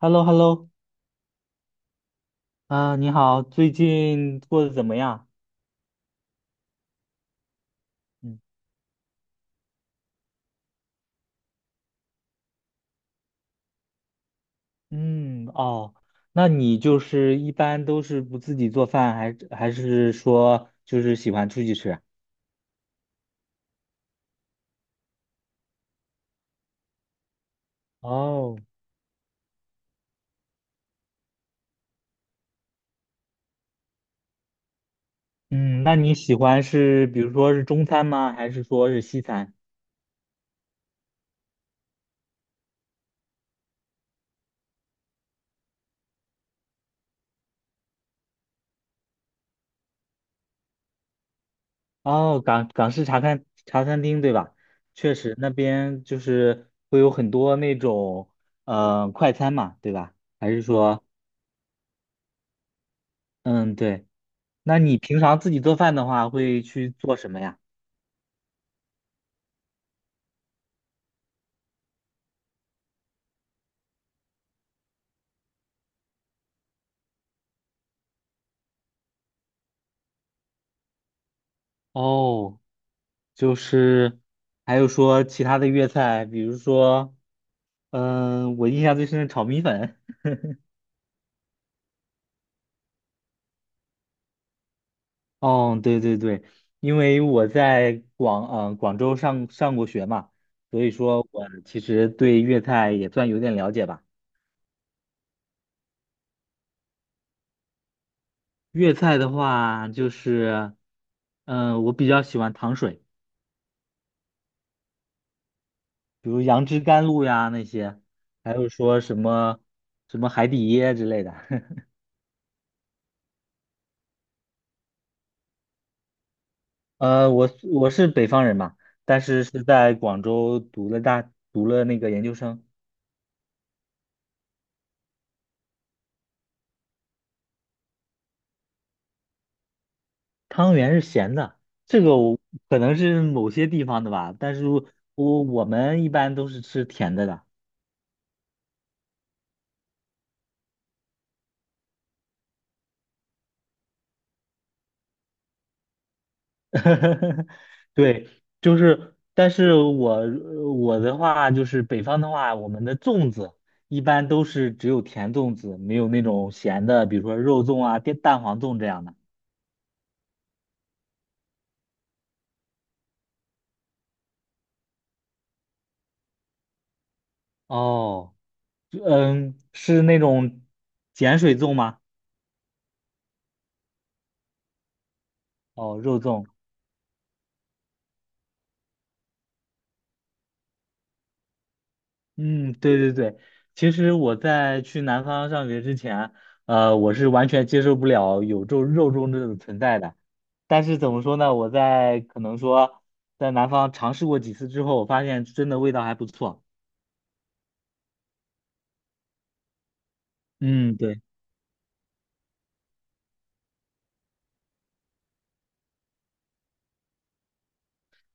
h e l l o h e l l o 啊，你好，最近过得怎么样？嗯，嗯，哦，那你就是一般都是不自己做饭，还是说就是喜欢出去吃？哦，嗯，那你喜欢是比如说是中餐吗？还是说是西餐？哦，港式茶餐厅对吧？确实那边就是会有很多那种快餐嘛，对吧？还是说嗯对？那你平常自己做饭的话，会去做什么呀？哦，就是还有说其他的粤菜，比如说，我印象最深的炒米粉。哦，对对对，因为我在广州上过学嘛，所以说我其实对粤菜也算有点了解吧。粤菜的话，就是，我比较喜欢糖水，比如杨枝甘露呀那些，还有说什么海底椰之类的。我是北方人嘛，但是是在广州读了那个研究生。汤圆是咸的，这个我可能是某些地方的吧，但是我们一般都是吃甜的。对，就是，但是我我的话就是北方的话，我们的粽子一般都是只有甜粽子，没有那种咸的，比如说肉粽啊、蛋黄粽这样的。哦，嗯，是那种碱水粽吗？哦，肉粽，嗯，对对对，其实我在去南方上学之前，我是完全接受不了有肉粽这种存在的。但是怎么说呢，我在可能说在南方尝试过几次之后，我发现真的味道还不错。嗯，对，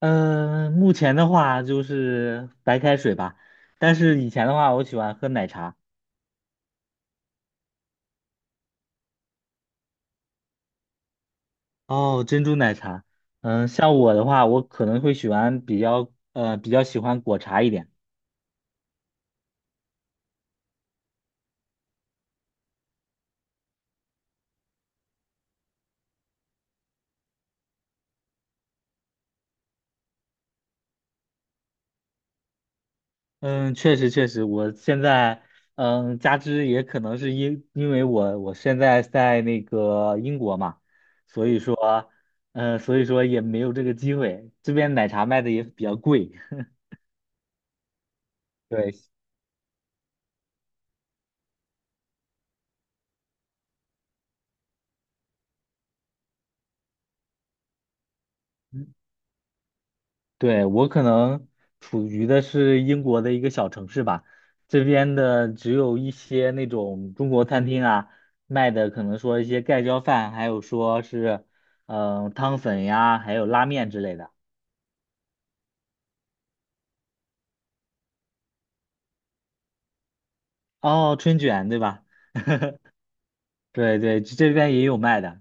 嗯、目前的话就是白开水吧，但是以前的话，我喜欢喝奶茶，哦，珍珠奶茶。像我的话，我可能会喜欢比较，比较喜欢果茶一点。嗯，确实确实，我现在加之也可能是因为我现在在那个英国嘛，所以说嗯，所以说也没有这个机会，这边奶茶卖的也比较贵。对，嗯对，我可能处于的是英国的一个小城市吧，这边的只有一些那种中国餐厅啊，卖的可能说一些盖浇饭，还有说是汤粉呀，还有拉面之类的。哦，春卷对吧？对对，这边也有卖的。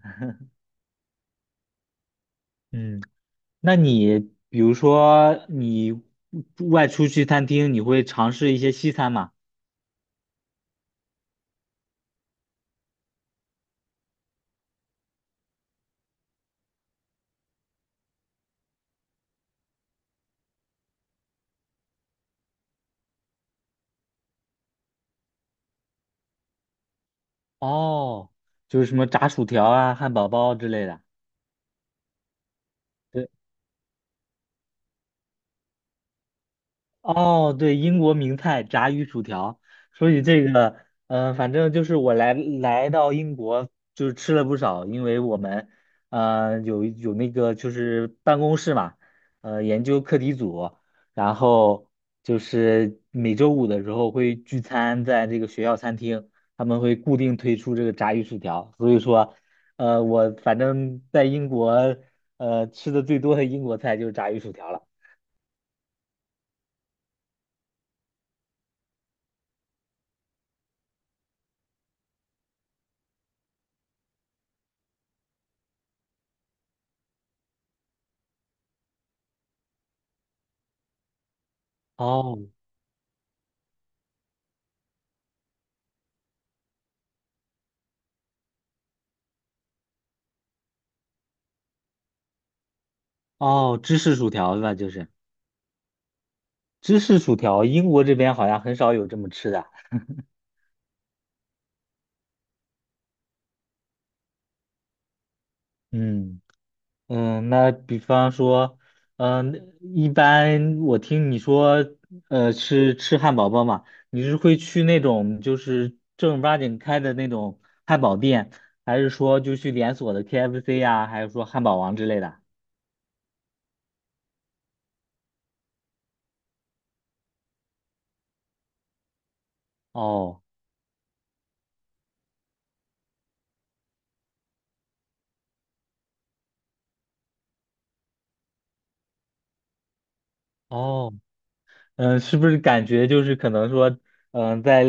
嗯，那你比如说你外出去餐厅，你会尝试一些西餐吗？哦，就是什么炸薯条啊、汉堡包之类的。哦，对，英国名菜炸鱼薯条。说起这个，反正就是我来到英国，就是吃了不少，因为我们，有那个就是办公室嘛，呃，研究课题组，然后就是每周五的时候会聚餐在这个学校餐厅，他们会固定推出这个炸鱼薯条，所以说，我反正在英国，吃的最多的英国菜就是炸鱼薯条了。哦哦，芝士薯条吧，就是芝士薯条，英国这边好像很少有这么吃的。嗯嗯，那比方说，一般我听你说，吃汉堡包嘛，你是会去那种就是正儿八经开的那种汉堡店，还是说就去连锁的 KFC 呀、还是说汉堡王之类的？哦哦嗯，是不是感觉就是可能说，嗯，在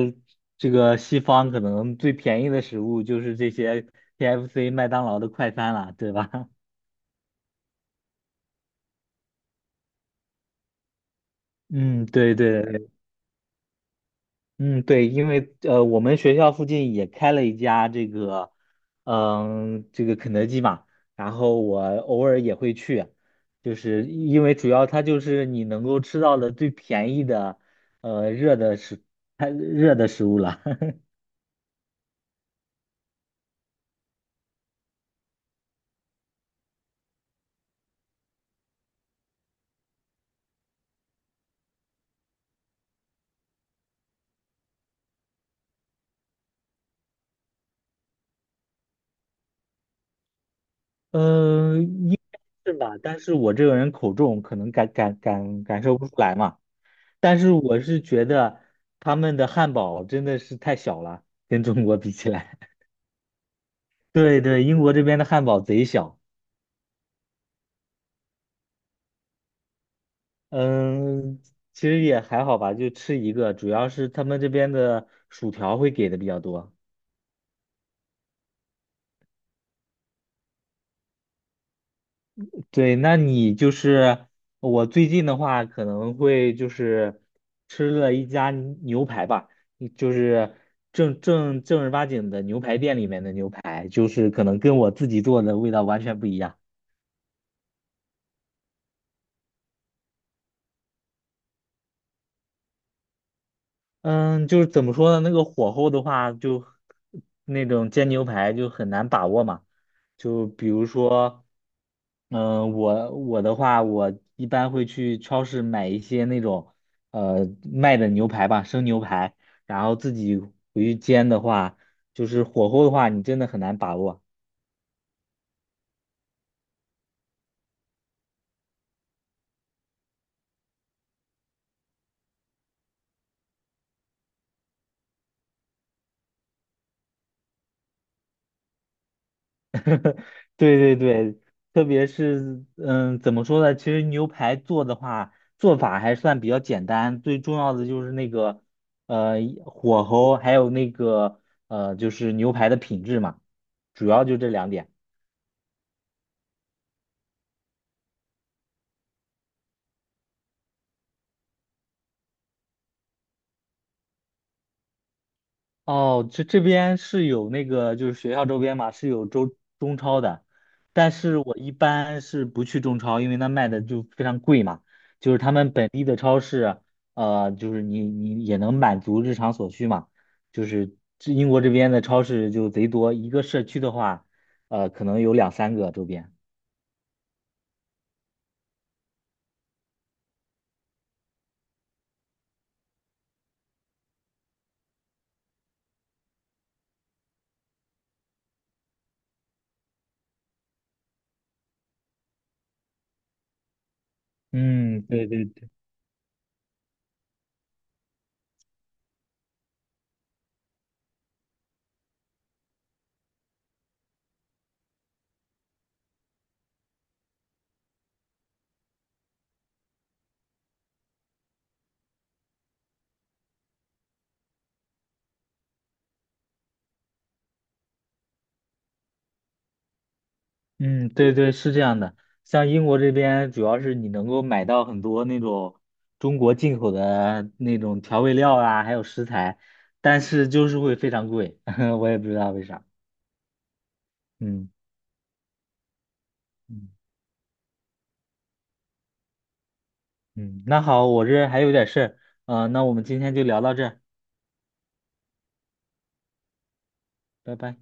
这个西方可能最便宜的食物就是这些 KFC、麦当劳的快餐了，对吧？嗯，对对对，嗯对，因为我们学校附近也开了一家这个，嗯，这个肯德基嘛，然后我偶尔也会去，就是因为主要它就是你能够吃到的最便宜的，呃，热的食，它热的食物了。嗯，应该是吧，但是我这个人口重，可能感受不出来嘛。但是我是觉得他们的汉堡真的是太小了，跟中国比起来。对对，英国这边的汉堡贼小。嗯，其实也还好吧，就吃一个，主要是他们这边的薯条会给的比较多。对，那你就是我最近的话，可能会就是吃了一家牛排吧，就是正儿八经的牛排店里面的牛排，就是可能跟我自己做的味道完全不一样。嗯，就是怎么说呢？那个火候的话，就那种煎牛排就很难把握嘛。就比如说，嗯，我的话，我一般会去超市买一些那种呃卖的牛排吧，生牛排，然后自己去煎的话，就是火候的话，你真的很难把握。对对对，特别是嗯，怎么说呢？其实牛排做的话，做法还算比较简单，最重要的就是那个呃火候，还有那个就是牛排的品质嘛，主要就这两点。哦，这这边是有那个，就是学校周边嘛，是有中超的，但是我一般是不去中超，因为那卖的就非常贵嘛。就是他们本地的超市，呃，就是你也能满足日常所需嘛。就是这英国这边的超市就贼多，一个社区的话，可能有两三个周边。嗯，对对嗯，对对，是这样的。像英国这边，主要是你能够买到很多那种中国进口的那种调味料啊，还有食材，但是就是会非常贵，我也不知道为啥。嗯嗯嗯，那好，我这还有点事儿，那我们今天就聊到这儿，拜拜。